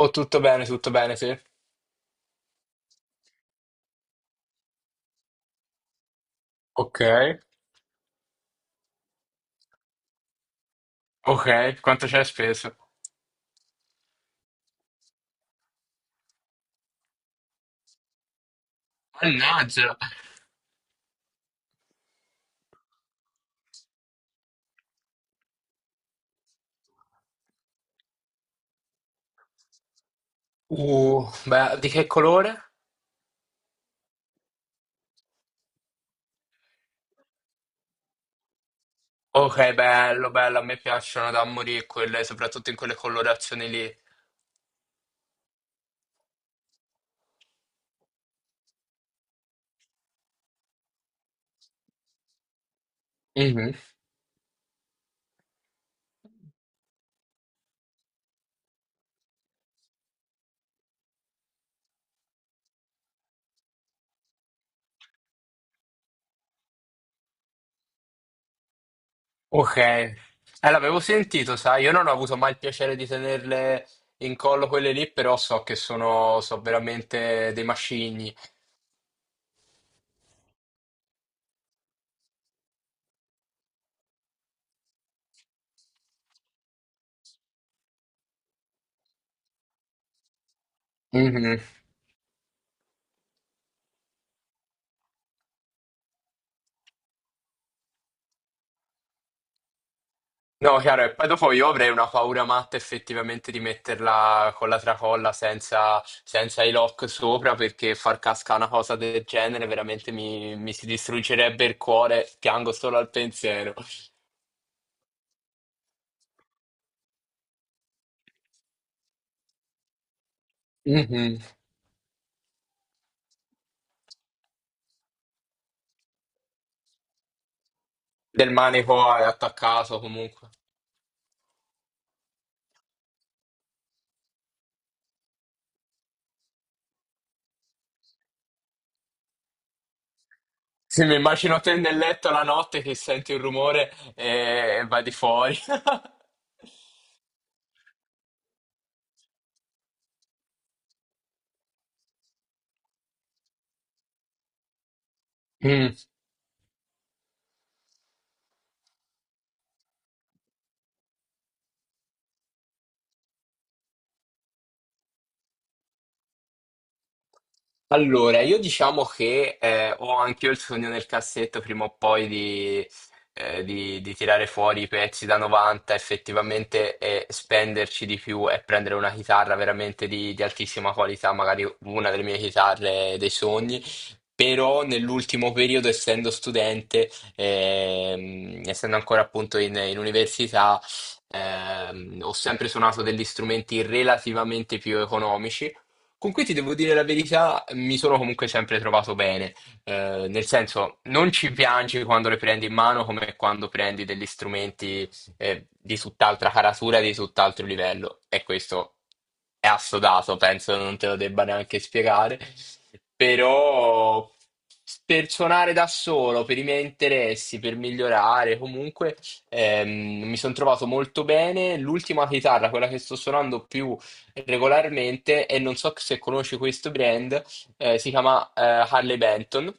Oh, tutto bene, sì. Ok, ok, quanto c'è speso? Mannaggia! Beh, di che colore? Ok, bello, bello, a me piacciono da morire quelle, soprattutto in quelle colorazioni lì. Mhm. Ok. L'avevo sentito, sai, io non ho avuto mai il piacere di tenerle in collo quelle lì, però so che sono, so veramente dei macigni. No, chiaro, e poi dopo io avrei una paura matta effettivamente di metterla con la tracolla senza, i lock sopra perché far cascare una cosa del genere veramente mi si distruggerebbe il cuore, piango solo al pensiero. Mhm. Del manico è attaccato comunque. Sì, mi immagino te nel letto la notte che senti un rumore e vai di fuori. Mm. Allora, io diciamo che ho anch'io il sogno nel cassetto prima o poi di tirare fuori i pezzi da 90 effettivamente e spenderci di più e prendere una chitarra veramente di altissima qualità, magari una delle mie chitarre dei sogni. Però nell'ultimo periodo, essendo studente, essendo ancora appunto in università, ho sempre suonato degli strumenti relativamente più economici con cui ti devo dire la verità, mi sono comunque sempre trovato bene. Nel senso non ci piangi quando le prendi in mano come quando prendi degli strumenti, di tutt'altra caratura, di tutt'altro livello, e questo è assodato, penso non te lo debba neanche spiegare, però per suonare da solo, per i miei interessi, per migliorare, comunque mi sono trovato molto bene. L'ultima chitarra, quella che sto suonando più regolarmente, e non so se conosci questo brand, si chiama Harley Benton.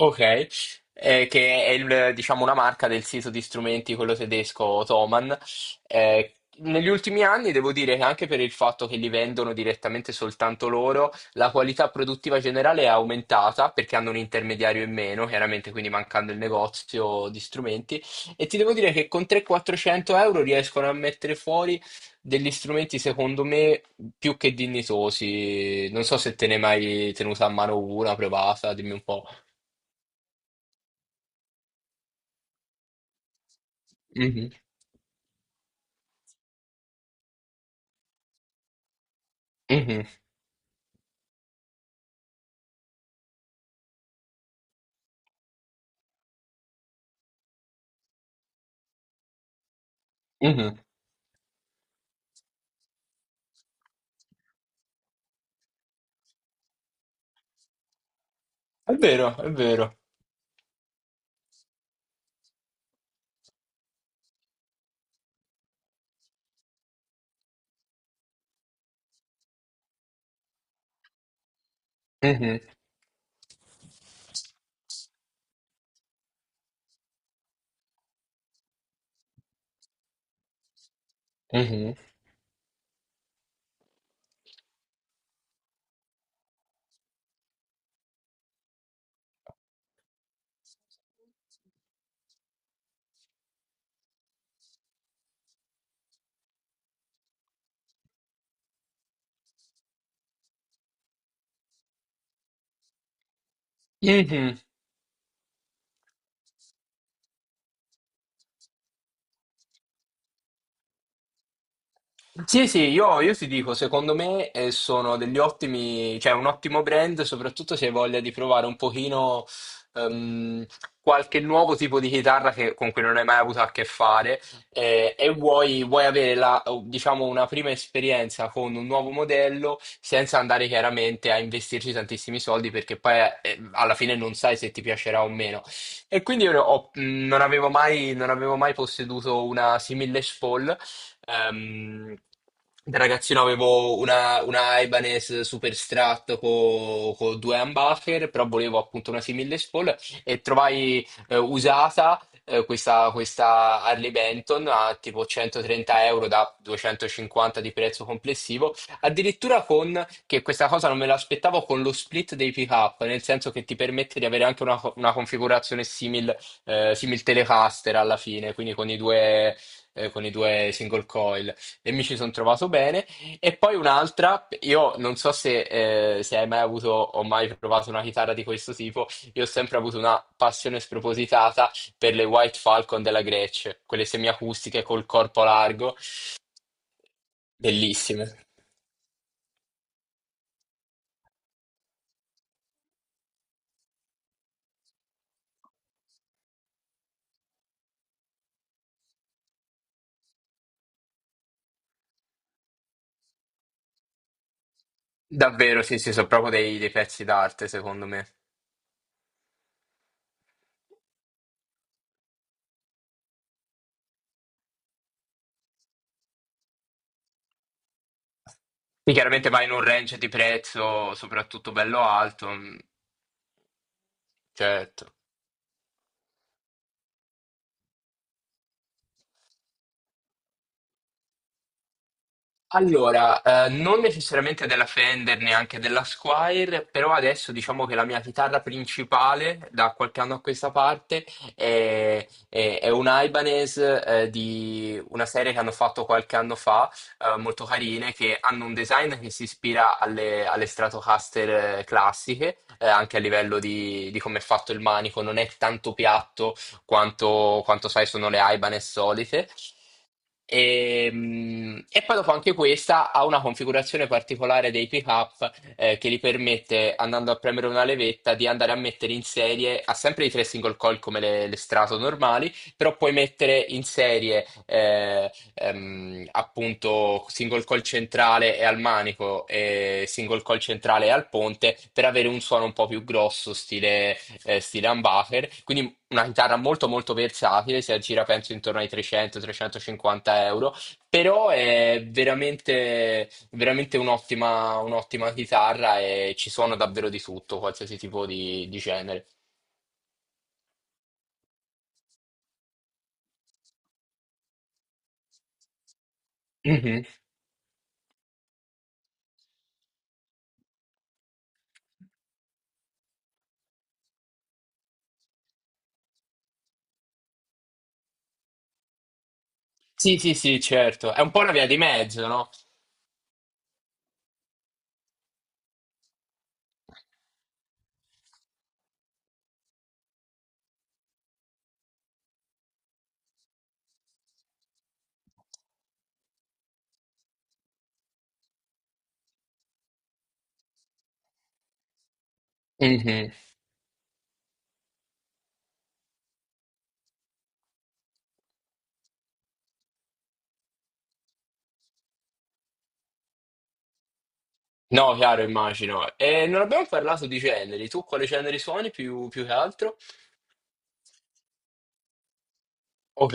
Ok. Che è diciamo, una marca del sito di strumenti, quello tedesco Ottoman. Negli ultimi anni devo dire che anche per il fatto che li vendono direttamente soltanto loro, la qualità produttiva generale è aumentata perché hanno un intermediario in meno, chiaramente, quindi mancando il negozio di strumenti. E ti devo dire che con 300-400 euro riescono a mettere fuori degli strumenti, secondo me, più che dignitosi. Non so se te ne hai mai tenuta a mano una, provata, dimmi un po'. Mhm, mhm, mhm. È vero, è vero. Mhm, mhm, mhm. Sì, sì, io ti dico, secondo me, sono degli ottimi, cioè un ottimo brand, soprattutto se hai voglia di provare un pochino, ehm, qualche nuovo tipo di chitarra con cui non hai mai avuto a che fare, e vuoi avere la, diciamo, una prima esperienza con un nuovo modello senza andare chiaramente a investirci tantissimi soldi, perché poi, alla fine, non sai se ti piacerà o meno. E quindi non avevo mai posseduto una simile Les Paul. Ehm, Da ragazzino avevo una Ibanez super strat con due humbucker, però volevo appunto una simile Paul, e trovai, usata, questa Harley Benton a tipo 130 euro da 250 di prezzo complessivo, addirittura con, che questa cosa non me l'aspettavo, con lo split dei pick-up, nel senso che ti permette di avere anche una, una configurazione simil, simil Telecaster alla fine, quindi con i due, single coil, e mi ci sono trovato bene. E poi un'altra, io non so se hai mai avuto o mai provato una chitarra di questo tipo, io ho sempre avuto una passione spropositata per le White Falcon della Gretsch, quelle semiacustiche col corpo largo, bellissime. Davvero, sì, sì, sono proprio dei pezzi d'arte, secondo me. Sì, chiaramente vai in un range di prezzo soprattutto bello alto, mm, certo. Allora, non necessariamente della Fender, neanche della Squire, però adesso diciamo che la mia chitarra principale da qualche anno a questa parte è un Ibanez, di una serie che hanno fatto qualche anno fa, molto carine, che hanno un design che si ispira alle Stratocaster, classiche, anche a livello di come è fatto il manico, non è tanto piatto quanto sai sono le Ibanez solite. E poi dopo anche questa ha una configurazione particolare dei pickup, che gli permette, andando a premere una levetta, di andare a mettere in serie, ha sempre i tre single coil come le strato normali, però puoi mettere in serie, appunto, single coil centrale e al manico e single coil centrale e al ponte, per avere un suono un po' più grosso, stile, stile humbucker. Quindi una chitarra molto molto versatile, si aggira penso intorno ai 300-350 euro, però è veramente, veramente un'ottima, un'ottima chitarra, e ci suona davvero di tutto, qualsiasi tipo di genere. Mhm. Sì, sì, sì, certo, è un po' una via di mezzo, no? Mhm. No, chiaro, immagino. E non abbiamo parlato di generi, tu quali generi suoni più che altro? Ok.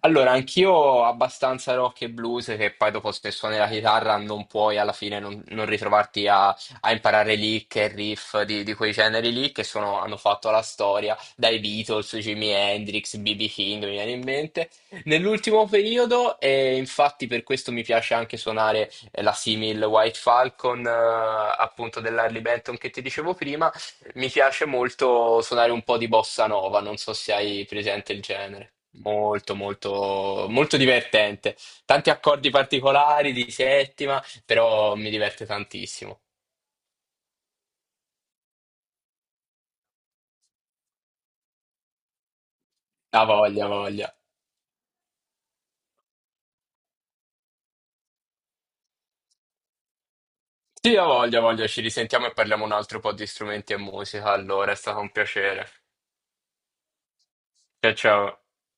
Allora, anch'io abbastanza rock e blues, che poi dopo se suoni la chitarra non puoi alla fine non ritrovarti a imparare lick e riff di quei generi lì, che hanno fatto la storia, dai Beatles, Jimi Hendrix, BB. King, mi viene in mente. Nell'ultimo periodo, e infatti per questo mi piace anche suonare, la simil White Falcon, appunto dell'Harley Benton che ti dicevo prima, mi piace molto suonare un po' di bossa nova, non so se hai presente il genere. Molto, molto, molto divertente. Tanti accordi particolari di settima, però mi diverte tantissimo. Ha voglia, ha voglia. Sì, ha voglia, ha voglia. Ci risentiamo e parliamo un altro po' di strumenti e musica. Allora, è stato un piacere. Ciao, ciao.